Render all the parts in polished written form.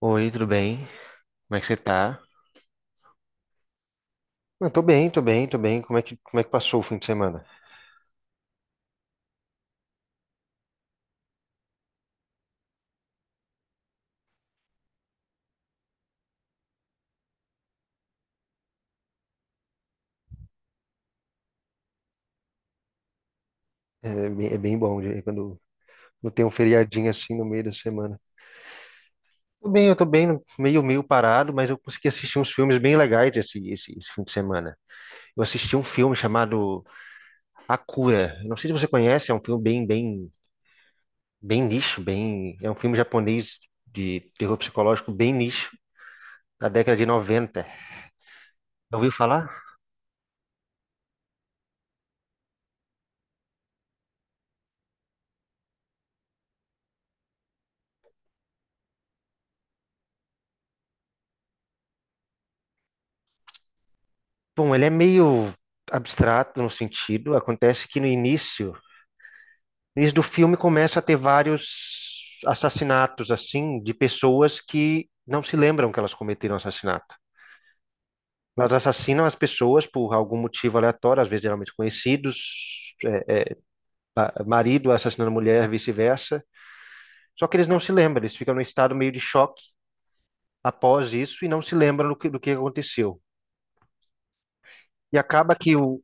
Oi, tudo bem? Como é que você tá? Eu tô bem, tô bem, tô bem. Como é que passou o fim de semana? É bem bom quando tem um feriadinho assim no meio da semana. Tô bem, eu tô bem, meio parado, mas eu consegui assistir uns filmes bem legais esse fim de semana. Eu assisti um filme chamado A Cura. Eu não sei se você conhece, é um filme bem nicho, é um filme japonês de terror psicológico bem nicho, da década de 90. Já ouviu falar? Bom, ele é meio abstrato no sentido. Acontece que no início do filme começa a ter vários assassinatos assim de pessoas que não se lembram que elas cometeram assassinato. Elas assassinam as pessoas por algum motivo aleatório, às vezes geralmente conhecidos, é, marido assassinando mulher, vice-versa. Só que eles não se lembram, eles ficam num estado meio de choque após isso e não se lembram do que aconteceu. E acaba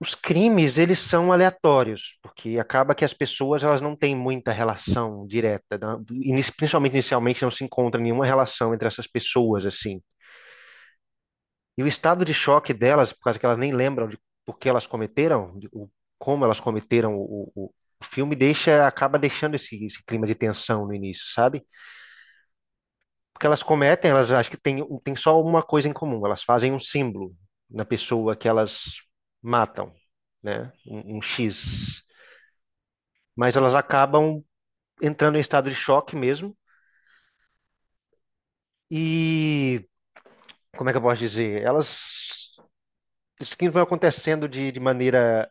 os crimes, eles são aleatórios, porque acaba que as pessoas elas não têm muita relação direta, né? Principalmente inicialmente não se encontra nenhuma relação entre essas pessoas assim. E o estado de choque delas, por causa que elas nem lembram de por que elas cometeram, como elas cometeram o filme deixa, acaba deixando esse clima de tensão no início, sabe? Porque elas cometem, elas acham que tem só uma coisa em comum, elas fazem um símbolo na pessoa que elas matam, né? Um X. Mas elas acabam entrando em estado de choque mesmo. E como é que eu posso dizer? Elas. Isso que vai acontecendo de maneira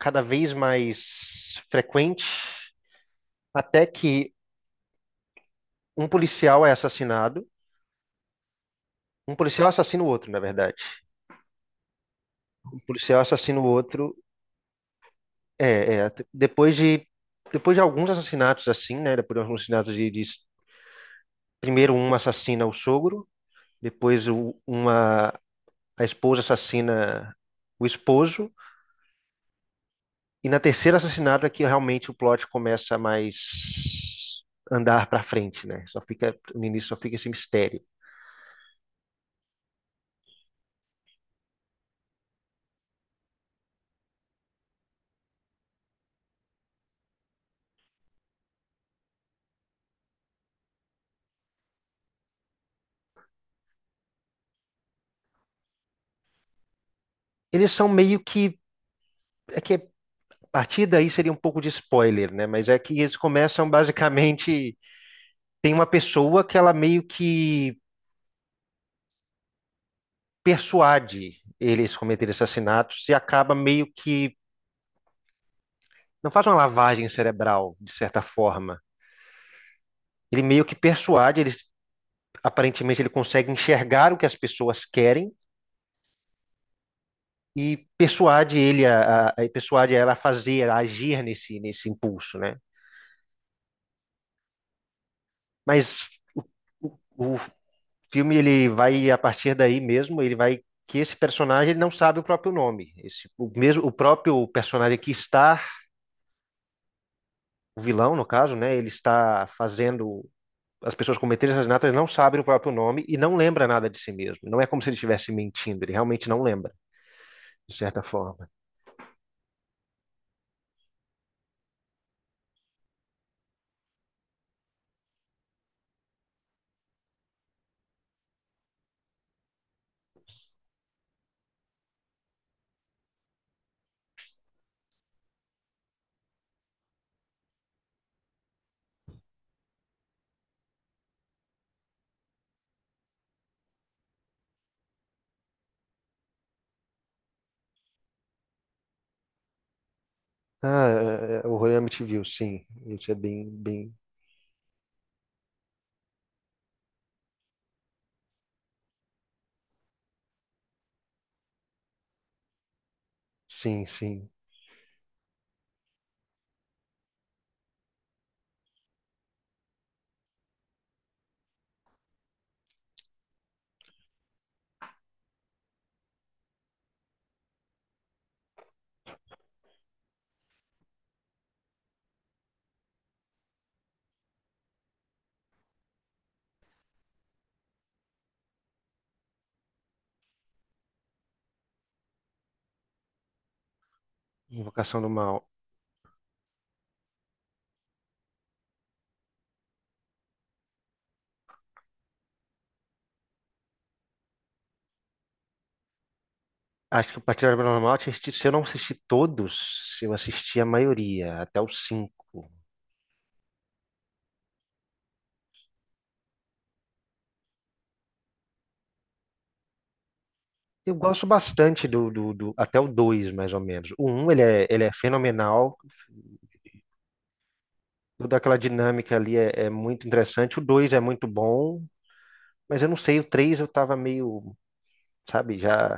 cada vez mais frequente, até que um policial é assassinado. Um policial assassina o outro, na verdade. Um policial assassina o outro. É, é, depois de, depois de alguns assassinatos assim, né? Depois de alguns assassinatos de primeiro uma assassina o sogro, depois o- uma a esposa assassina o esposo. E na terceira assassinato é que realmente o plot começa a mais andar para frente, né? Só fica, no início só fica esse mistério. Eles são meio que, é que a partir daí seria um pouco de spoiler, né? Mas é que eles começam basicamente, tem uma pessoa que ela meio que persuade eles cometerem assassinatos e acaba meio que, não faz uma lavagem cerebral, de certa forma. Ele meio que persuade, eles aparentemente ele consegue enxergar o que as pessoas querem e persuade ele a persuade ela a fazer, a agir nesse impulso, né? Mas o, o filme ele vai a partir daí mesmo, ele vai que esse personagem ele não sabe o próprio nome. Esse, o mesmo o próprio personagem que está o vilão no caso, né? Ele está fazendo as pessoas cometerem assassinato, ele não sabe o próprio nome e não lembra nada de si mesmo. Não é como se ele estivesse mentindo, ele realmente não lembra, de certa forma. Ah, o Horror em Amityville, sim. Isso é bem, bem. Sim, sim. Invocação do Mal. Acho que o Patrulha Paranormal, se eu não assisti todos, eu assisti a maioria, até os cinco. Eu gosto bastante até o dois, mais ou menos. O um, ele é fenomenal. Toda aquela dinâmica ali é muito interessante. O dois é muito bom, mas eu não sei, o três eu tava meio, sabe, já.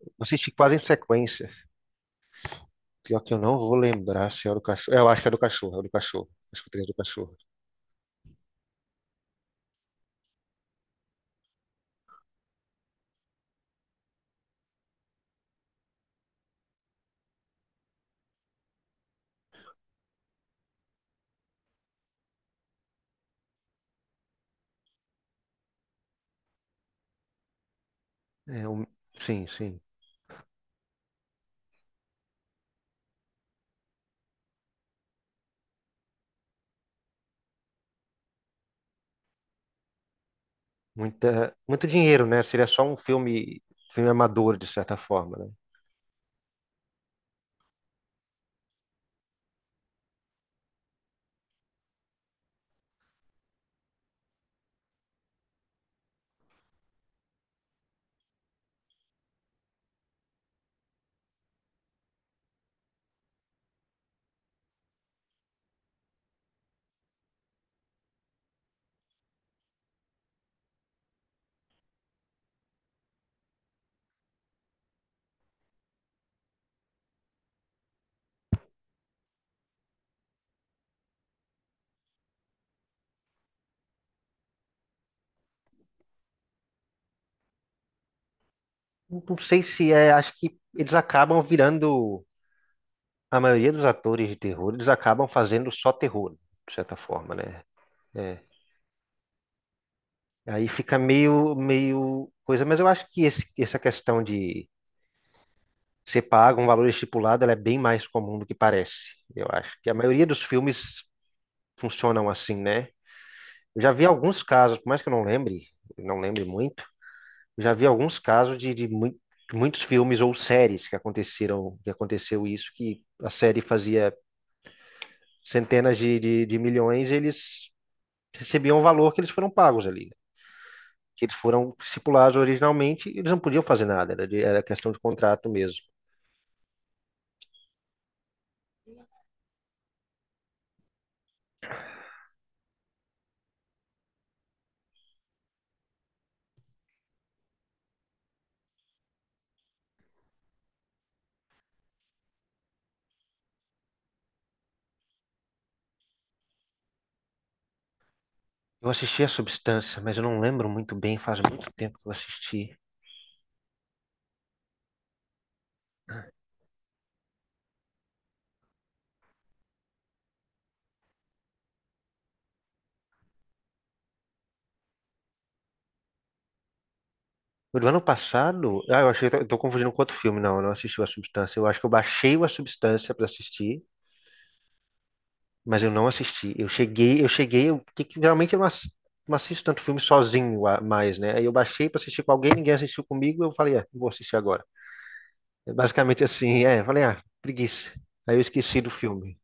Eu Assisti quase em sequência. Pior que eu não vou lembrar se é o do cachorro. É, eu acho que é do cachorro, é o do cachorro. Acho que o três é do cachorro. É, um- Sim, sim. Muito dinheiro, né? Seria só um filme amador, de certa forma, né? Não, não sei se é. Acho que eles acabam virando. A maioria dos atores de terror, eles acabam fazendo só terror, de certa forma, né? É. Aí fica meio coisa. Mas eu acho que essa questão de ser pago um valor estipulado, ela é bem mais comum do que parece. Eu acho que a maioria dos filmes funcionam assim, né? Eu já vi alguns casos, por mais que eu não lembre, não lembre muito, eu já vi alguns casos de muitos filmes ou que aconteceu isso, que a série fazia centenas de milhões, e eles recebiam o valor que eles foram pagos ali, né? Que eles foram estipulados originalmente, e eles não podiam fazer nada, era questão de contrato mesmo. Eu assisti A Substância, mas eu não lembro muito bem, faz muito tempo que eu assisti. O do ano passado? Ah, eu achei que eu tô confundindo com outro filme. Não, eu não assisti o A Substância. Eu acho que eu baixei o A Substância pra assistir, mas eu não assisti. Que geralmente eu não assisto tanto filme sozinho mais, né? Aí eu baixei pra assistir com alguém, ninguém assistiu comigo, eu falei, vou assistir agora. É basicamente assim, eu falei, ah, preguiça. Aí eu esqueci do filme.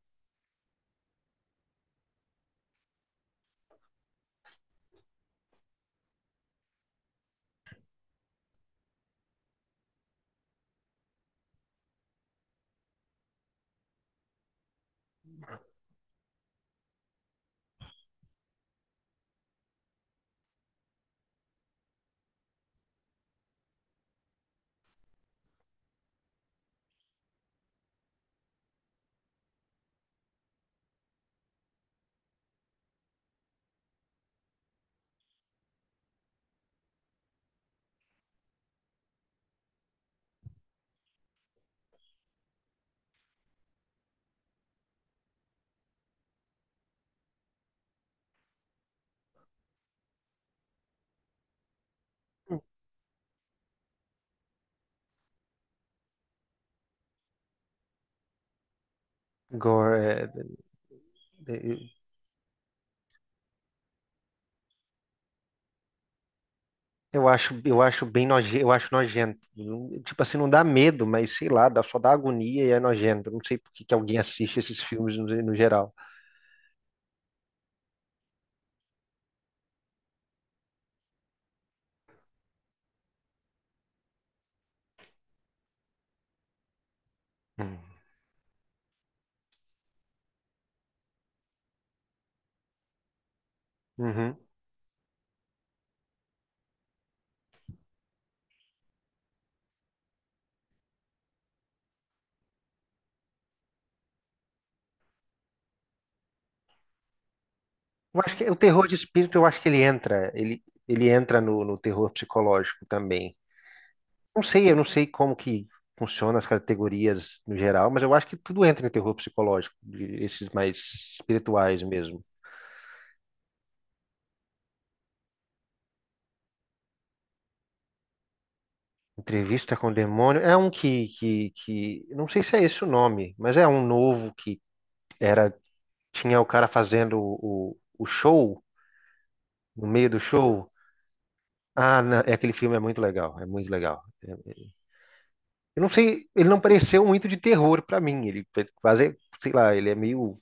Gore, é, é, é, eu acho bem noje, eu acho nojento. Tipo assim, não dá medo, mas sei lá, só dá agonia e é nojento. Eu não sei por que que alguém assiste esses filmes no geral. Hum. Uhum. Eu acho que o terror de espírito, eu acho que ele entra no terror psicológico também. Não sei, eu não sei como que funciona as categorias no geral, mas eu acho que tudo entra em terror psicológico, esses mais espirituais mesmo. Entrevista com o Demônio é um que não sei se é esse o nome, mas é um novo que era tinha o cara fazendo o show, no meio do show. Ah, aquele filme é muito legal, é muito legal. Eu não sei, ele não pareceu muito de terror pra mim. Ele é quase, sei lá, ele é meio.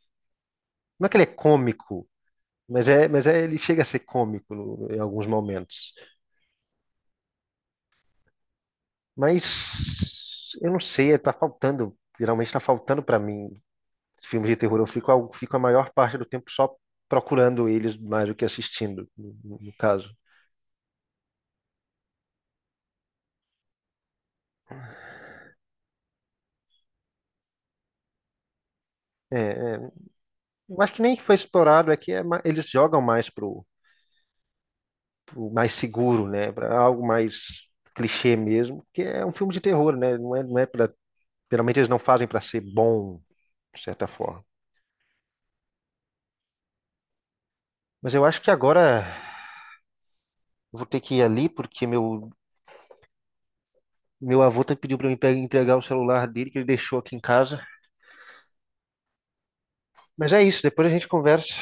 Não é que ele é cômico, mas ele chega a ser cômico no- em alguns momentos. Mas eu não sei, tá faltando, geralmente tá faltando pra mim filmes de terror. Eu fico a maior parte do tempo só procurando eles mais do que assistindo, no caso. É, é, Eu acho que nem foi explorado, eles jogam mais pro mais seguro, né? Para algo mais clichê mesmo, porque é um filme de terror, né? Não é, não é para, geralmente eles não fazem para ser bom, de certa forma. Mas eu acho que agora eu vou ter que ir ali porque meu avô pediu para entregar o celular dele que ele deixou aqui em casa. Mas é isso, depois a gente conversa.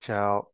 Tchau.